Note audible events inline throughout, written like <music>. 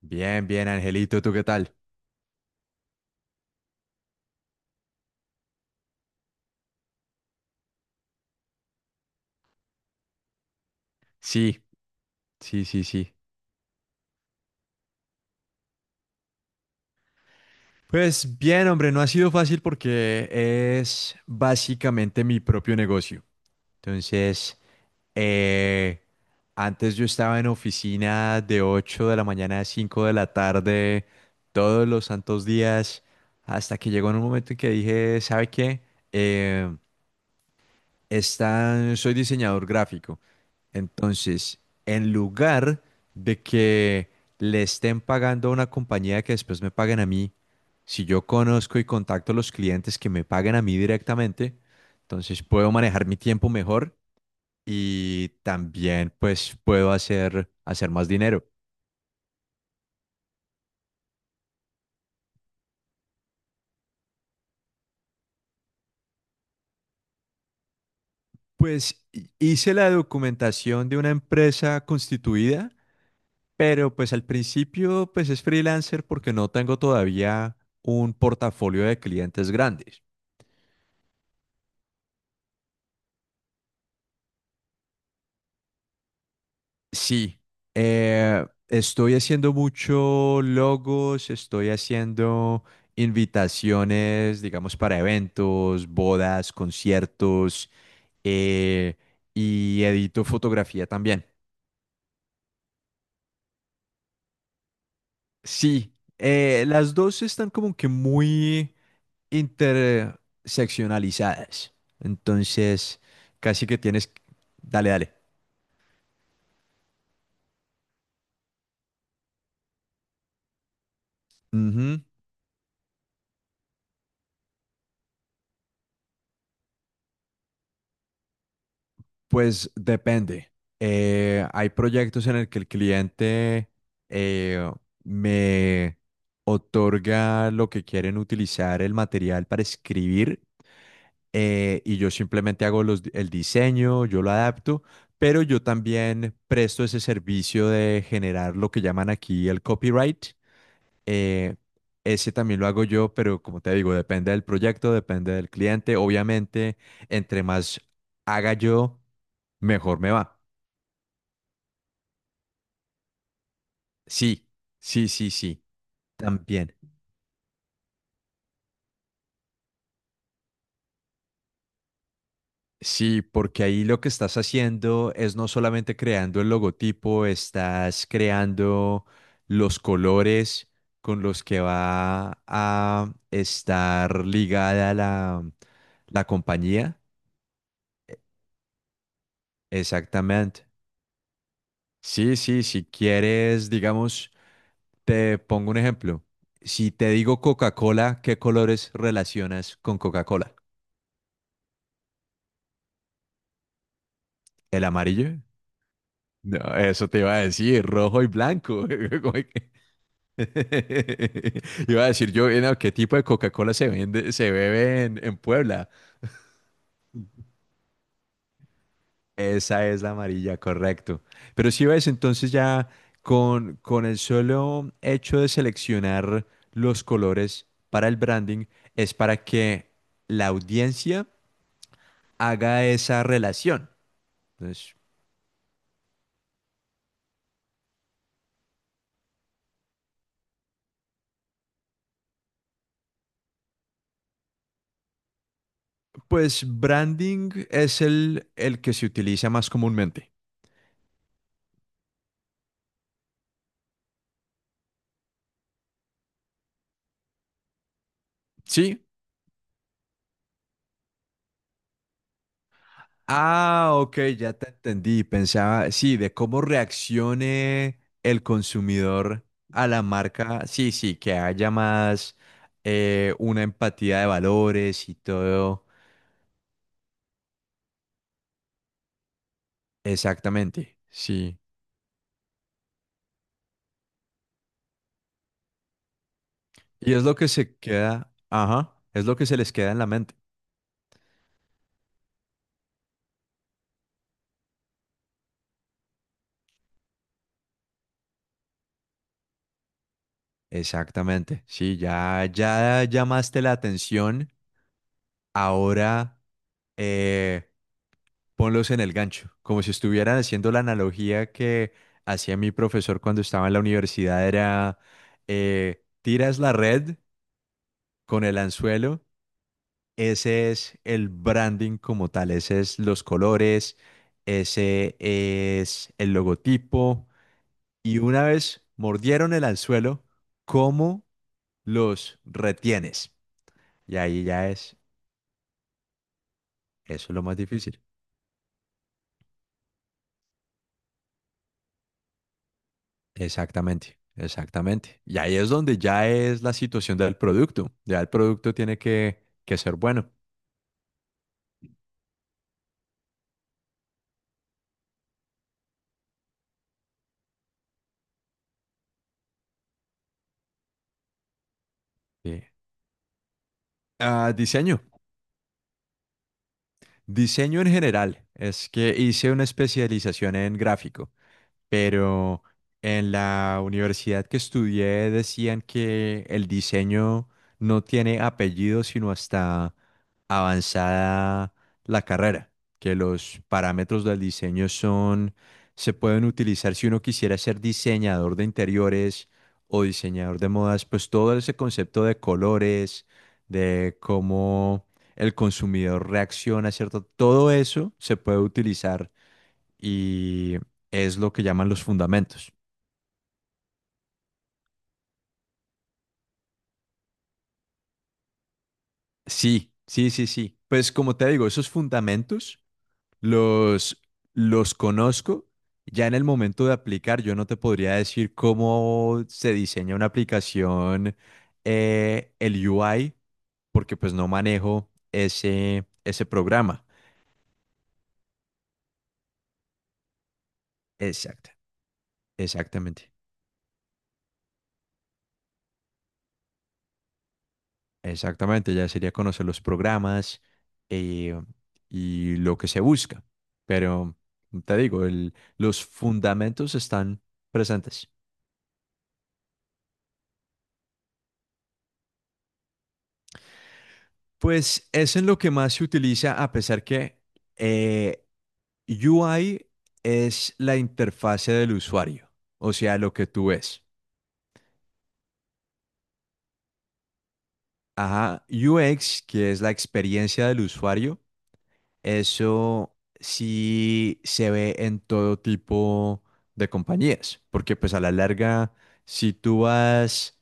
Bien, bien, Angelito, ¿tú qué tal? Sí, sí, sí, sí. Pues bien, hombre, no ha sido fácil porque es básicamente mi propio negocio. Entonces, eh, antes yo estaba en oficina de 8 de la mañana a 5 de la tarde, todos los santos días, hasta que llegó en un momento en que dije, ¿sabe qué? Eh, está, soy diseñador gráfico. Entonces, en lugar de que le estén pagando a una compañía que después me paguen a mí, si yo conozco y contacto a los clientes que me paguen a mí directamente, entonces puedo manejar mi tiempo mejor y también pues puedo hacer más dinero. Pues hice la documentación de una empresa constituida. Pero pues al principio pues es freelancer porque no tengo todavía un portafolio de clientes grandes. Sí, estoy haciendo mucho logos, estoy haciendo invitaciones, digamos, para eventos, bodas, conciertos, eh, y edito fotografía también. Sí, las dos están como que muy interseccionalizadas. Entonces, casi que tienes... Dale, dale. Ujú. Pues depende. Hay proyectos en el que el cliente eh, me otorga lo que quieren utilizar el material para escribir, y yo simplemente hago el diseño, yo lo adapto, pero yo también presto ese servicio de generar lo que llaman aquí el copyright. Eh, ese también lo hago yo, pero como te digo, depende del proyecto, depende del cliente. Obviamente, entre más haga yo, mejor me va. Sí, sí, sí, sí. También. Sí, porque ahí lo que estás haciendo es no solamente creando el logotipo, estás creando los colores con los que va a estar ligada la compañía. Exactamente. Sí, sí, si quieres, digamos, te pongo un ejemplo. Si te digo Coca-Cola, ¿qué colores relacionas con Coca-Cola? ¿El amarillo? No, eso te iba a decir, rojo y blanco. <laughs> Como que- <laughs> Iba a decir yo, no, ¿qué tipo de Coca-Cola se vende, se bebe en Puebla? Esa es la amarilla, correcto. Pero si ves, entonces ya con el solo hecho de seleccionar los colores para el branding, es para que la audiencia haga esa relación. Entonces, pues branding es el que se utiliza más comúnmente. Sí. Ah, ok, ya te entendí. Pensaba, sí, de cómo reaccione el consumidor a la marca. Sí, sí, que haya más, una empatía de valores y todo. Exactamente, sí. Y es lo que se queda, ajá, es lo que se les queda en la mente. Exactamente, sí, ya, ya llamaste la atención. Ahora, eh, ponlos en el gancho, como si estuvieran haciendo la analogía que hacía mi profesor cuando estaba en la universidad, era, tiras la red con el anzuelo, ese es el branding como tal, ese es los colores, ese es el logotipo, y una vez mordieron el anzuelo, ¿cómo los retienes? Y ahí ya es, eso es lo más difícil. Exactamente, exactamente. Y ahí es donde ya es la situación del producto. Ya el producto tiene que ser bueno. Sí. Ah, diseño. Diseño en general. Es que hice una especialización en gráfico, pero en la universidad que estudié decían que el diseño no tiene apellido sino hasta avanzada la carrera, que los parámetros del diseño son, se pueden utilizar si uno quisiera ser diseñador de interiores o diseñador de modas, pues todo ese concepto de colores, de cómo el consumidor reacciona, ¿cierto? Todo eso se puede utilizar y es lo que llaman los fundamentos. Sí, sí, sí, sí. Pues como te digo, esos fundamentos los, los conozco. Ya en el momento de aplicar, yo no te podría decir cómo se diseña una aplicación, el UI, porque pues no manejo ese programa. Exacto, exactamente. Exactamente, ya sería conocer los programas, eh, y lo que se busca. Pero te digo, los fundamentos están presentes. Pues es en lo que más se utiliza, a pesar que, eh, UI es la interfase del usuario, o sea, lo que tú ves. Ajá, UX, que es la experiencia del usuario. Eso sí se ve en todo tipo de compañías, porque pues a la larga, si tú vas,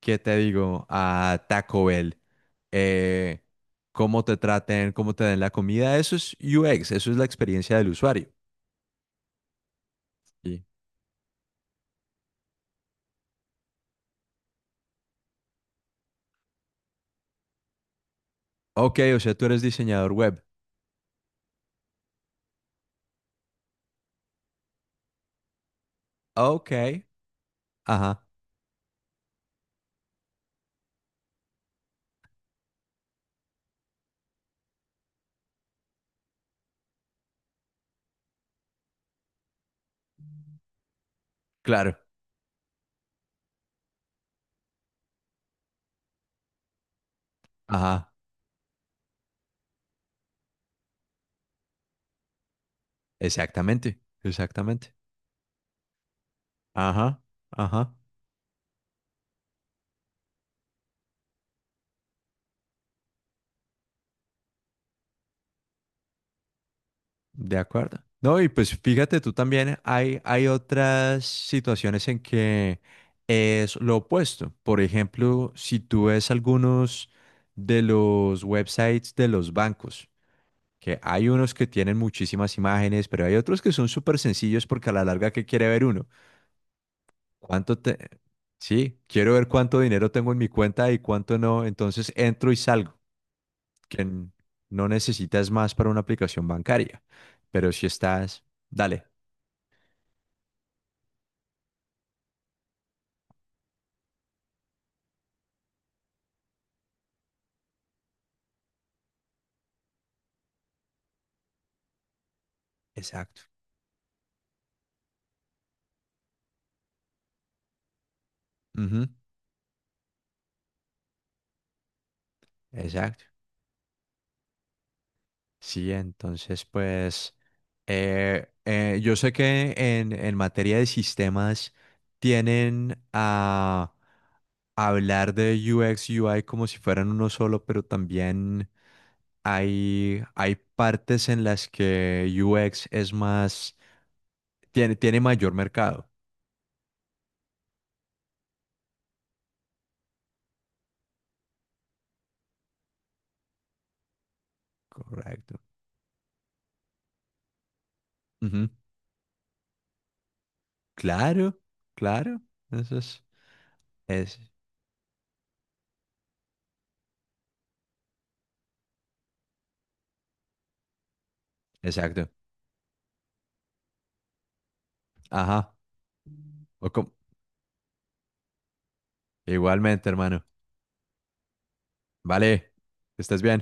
¿qué te digo? A Taco Bell, eh, cómo te traten, cómo te den la comida, eso es UX, eso es la experiencia del usuario. Y, ok, o sea, tú eres diseñador web. Ok, ajá, claro, ajá, exactamente, exactamente, ajá, ajá. De acuerdo. No, y pues fíjate tú también, hay otras situaciones en que es lo opuesto. Por ejemplo, si tú ves algunos de los websites de los bancos, que hay unos que tienen muchísimas imágenes, pero hay otros que son súper sencillos porque a la larga, ¿qué quiere ver uno? ¿Cuánto te... Sí, quiero ver cuánto dinero tengo en mi cuenta y cuánto no. Entonces entro y salgo, que no necesitas más para una aplicación bancaria. Pero si estás... Dale. Exacto. Ujú. Exacto. Sí, entonces, pues, yo sé que en materia de sistemas tienen a hablar de UX, UI como si fueran uno solo, pero también hay partes en las que UX es más, tiene mayor mercado. Correcto. Ujú. Claro, claro. Eso es, exacto. Ajá. O com- Igualmente, hermano. Vale, que estés bien.